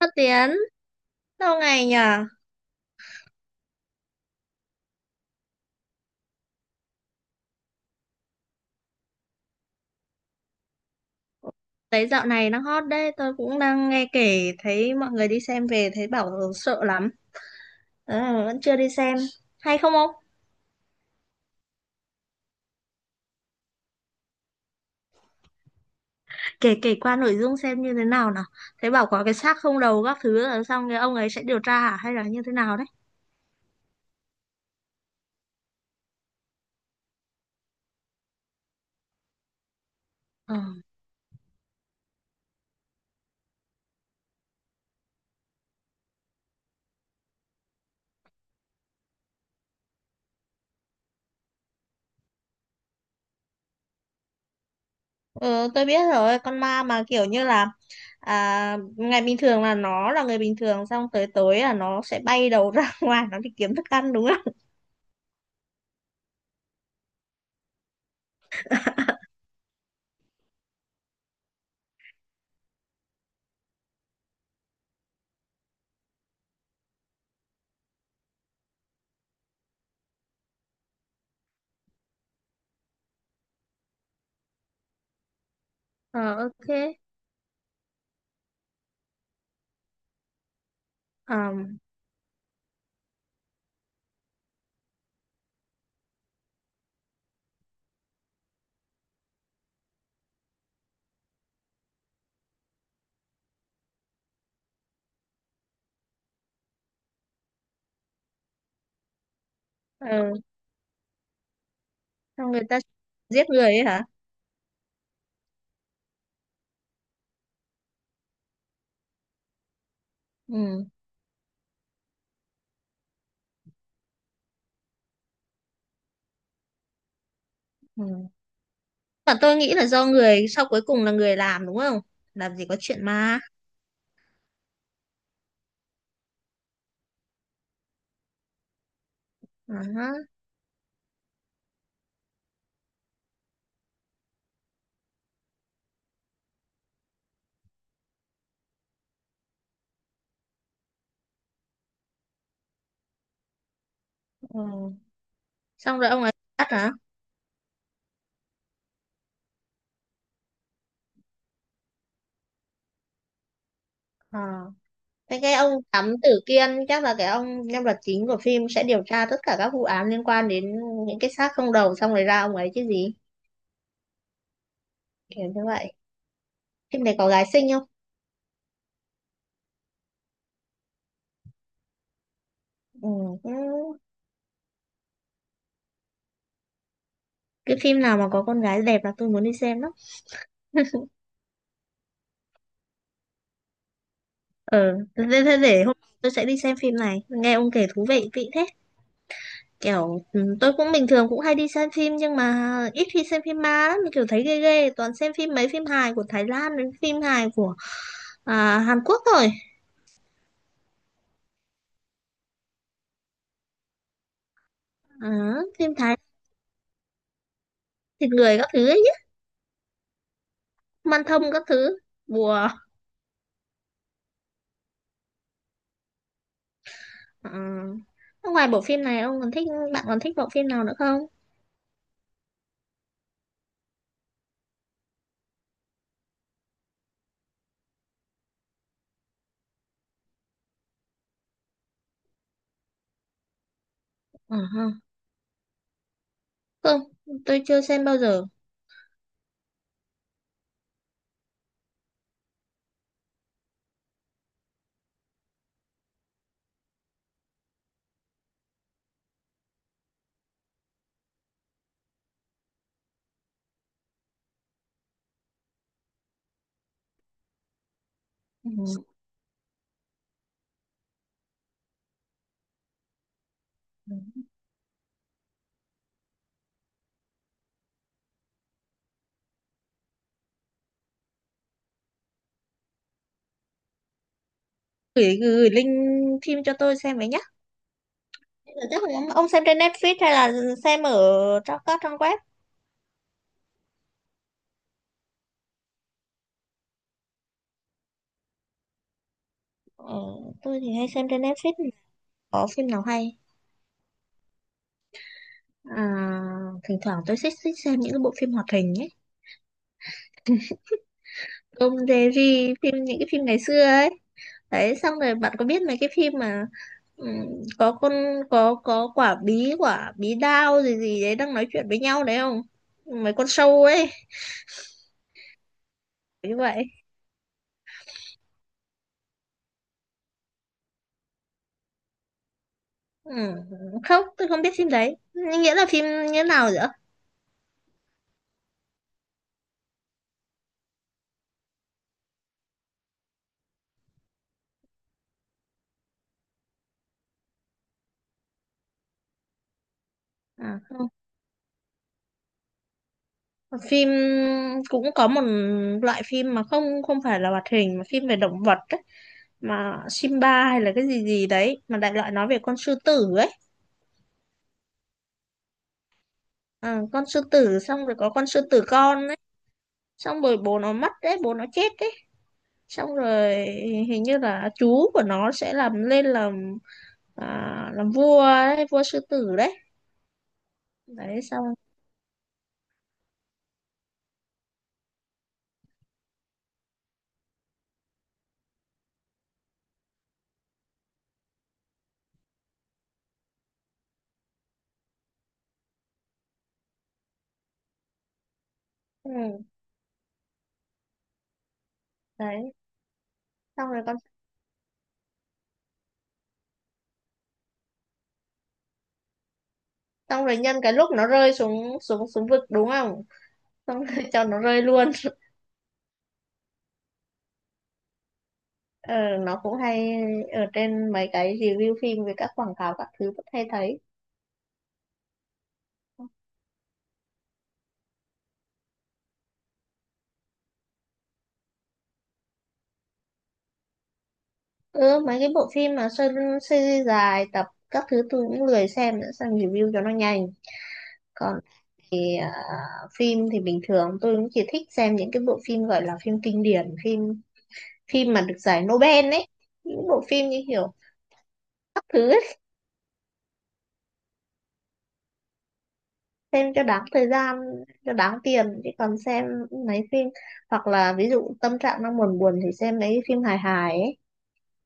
Phát Tiến, lâu ngày nhờ? Thấy dạo này đang hot đấy, tôi cũng đang nghe kể thấy mọi người đi xem về thấy bảo sợ lắm. Ờ, vẫn chưa đi xem. Hay không ông? Kể kể qua nội dung xem như thế nào nào. Thấy bảo có cái xác không đầu các thứ rồi xong cái ông ấy sẽ điều tra hả? Hay là như thế nào đấy? Ờ. Ừ, tôi biết rồi, con ma mà kiểu như là à, ngày bình thường là nó là người bình thường xong tới tối là nó sẽ bay đầu ra ngoài nó đi kiếm thức ăn đúng không? Ờ, ok. Ờ. Xong người ta giết người ấy hả? Ừ. Ừ. Mà tôi nghĩ là do người sau cuối cùng là người làm đúng không? Làm gì có chuyện ma. Ờ. Ừ. Xong rồi ông ấy bắt hả? Ờ. Thế cái ông thám tử Kiên chắc là cái ông nhân vật chính của phim sẽ điều tra tất cả các vụ án liên quan đến những cái xác không đầu xong rồi ra ông ấy chứ gì. Kiểu như vậy. Phim này có gái xinh không? Ừ. Ừ. Cái phim nào mà có con gái đẹp là tôi muốn đi xem lắm. Ờ. Thế thế- thế để hôm tôi sẽ đi xem phim này. Nghe ông kể thú vị kỹ thế. Kiểu ừ, tôi cũng bình thường cũng hay đi xem phim nhưng mà ít khi xem phim ma lắm kiểu thấy ghê ghê toàn xem phim mấy phim hài của Thái Lan đến phim hài của à, Hàn Quốc thôi. Ờ, phim Thái thịt người các thứ ấy nhá, man thông các thứ bùa. Ờ. Ngoài bộ phim này ông còn thích bạn còn thích bộ phim nào nữa không? Ờ ha. Không, tôi chưa xem bao giờ. Ừ. Gửi gửi link phim cho tôi xem với nhá. Chắc là ông xem trên Netflix hay là xem ở trong các trang web. Ờ, tôi thì hay xem trên Netflix. Có phim nào hay à, thỉnh thoảng tôi thích thích xem những cái bộ phim hoạt hình ấy. Tom Jerry phim những cái phim ngày xưa ấy. Đấy xong rồi bạn có biết mấy cái phim mà ừm, có con có quả bí đao gì gì đấy đang nói chuyện với nhau đấy không? Mấy con sâu ấy như vậy. Ừm, không tôi không biết phim đấy. Nhưng nghĩa là phim như thế nào vậy ạ? À, phim cũng có một loại phim mà không không phải là hoạt hình mà phim về động vật ấy. Mà Simba hay là cái gì gì đấy mà đại loại nói về con sư tử ấy. Ờ, con sư tử xong rồi có con sư tử con ấy xong rồi bố nó mất đấy bố nó chết đấy xong rồi hình như là chú của nó sẽ làm lên làm à, làm vua đấy, vua sư tử đấy. Đấy xong ừ, đấy xong rồi con xong rồi nhân cái lúc nó rơi xuống xuống xuống vực đúng không, xong rồi cho nó rơi luôn. Ờ, nó cũng hay ở trên mấy cái review phim với các quảng cáo các thứ vẫn hay thấy. Ừ, mấy cái bộ phim mà series dài tập các thứ tôi cũng lười xem nữa, xem review cho nó nhanh. Còn thì à, phim thì bình thường tôi cũng chỉ thích xem những cái bộ phim gọi là phim kinh điển, phim phim mà được giải Nobel ấy, những bộ phim như kiểu các thứ ấy, xem cho đáng thời gian cho đáng tiền, chứ còn xem mấy phim hoặc là ví dụ tâm trạng đang buồn buồn thì xem mấy phim hài hài ấy,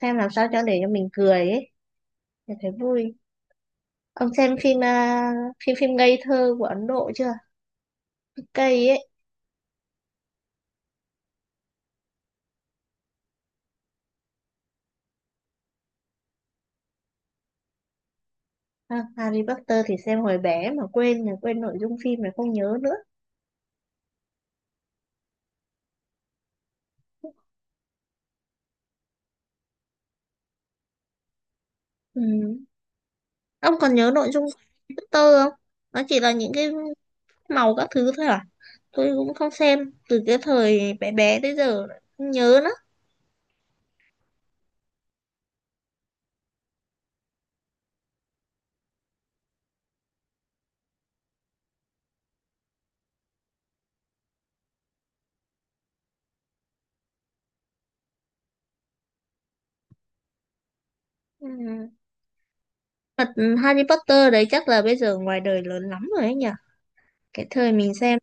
xem làm sao cho để cho mình cười ấy, để thấy vui. Ông xem phim à, phim phim ngây thơ của Ấn Độ chưa, cây ấy. À, Harry Potter thì xem hồi bé mà quên là quên nội dung phim này không nhớ nữa. Ừ. Ông còn nhớ nội dung Harry Potter không, nó chỉ là những cái màu các thứ thôi à, tôi cũng không xem từ cái thời bé bé tới giờ không nhớ nữa. Ừ. Thật. Harry Potter đấy chắc là bây giờ ngoài đời lớn lắm rồi ấy nhỉ, cái thời mình xem.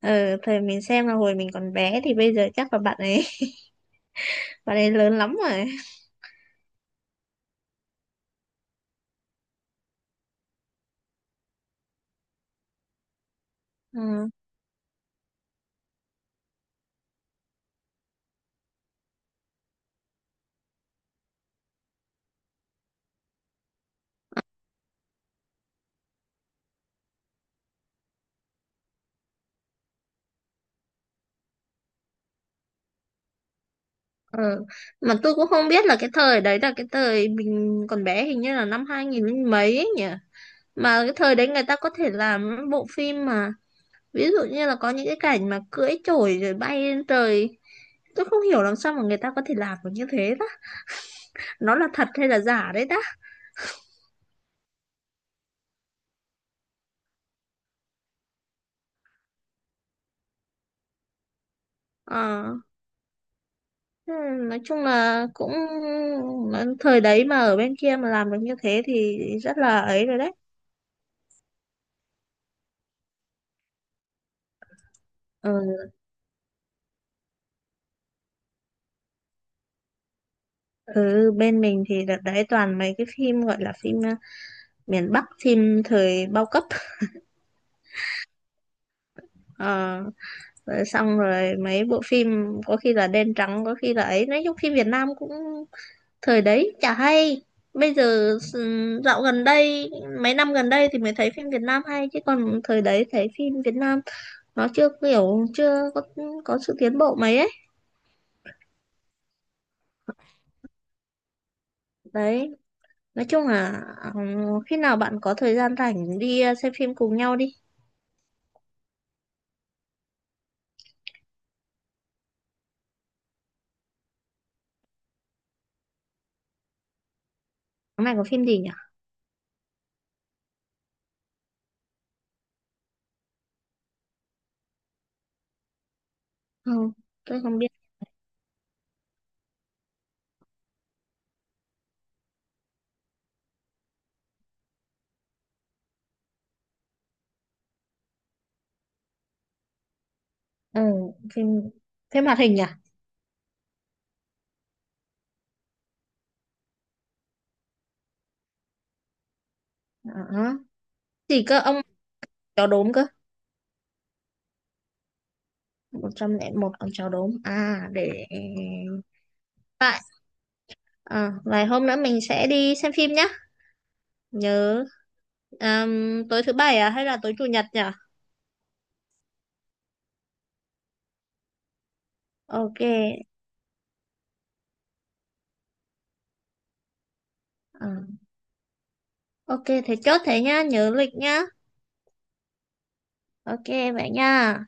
Ờ, thời mình xem là hồi mình còn bé thì bây giờ chắc là bạn ấy, bạn ấy lớn lắm rồi. Ừ. Ừ. Mà tôi cũng không biết là cái thời đấy là cái thời mình còn bé hình như là năm 2000 mấy ấy nhỉ. Mà cái thời đấy người ta có thể làm những bộ phim mà ví dụ như là có những cái cảnh mà cưỡi chổi rồi bay lên trời. Tôi không hiểu làm sao mà người ta có thể làm được như thế đó. Nó là thật hay là giả đấy đó. Ờ. Ừ, nói chung là cũng thời đấy mà ở bên kia mà làm được như thế thì rất là ấy rồi đấy. Ừ. Ừ, bên mình thì đợt đấy toàn mấy cái phim gọi là phim ờ, miền Bắc, phim thời bao cấp. Ờ, rồi xong rồi mấy bộ phim có khi là đen trắng, có khi là ấy. Nói chung phim Việt Nam cũng thời đấy chả hay. Bây giờ dạo gần đây, mấy năm gần đây thì mới thấy phim Việt Nam hay. Chứ còn thời đấy thấy phim Việt Nam nó chưa kiểu, chưa có, có sự tiến bộ mấy ấy. Đấy, nói chung là ờ, khi nào bạn có thời gian rảnh đi ờ, xem phim cùng nhau đi. Tháng này có phim gì nhỉ? Không, tôi không biết. Ừ, phim phim hoạt hình à? Đó. Gì cơ ông, chó đốm cơ? 101 ông chó đốm à, để tại à, vài hôm nữa mình sẽ đi xem phim nhá. Nhớ tối thứ bảy à hay là tối chủ nhật nhỉ? Ok. Ờ, ok thế chốt thế nhá, nhớ lịch nhá. Ok vậy nha.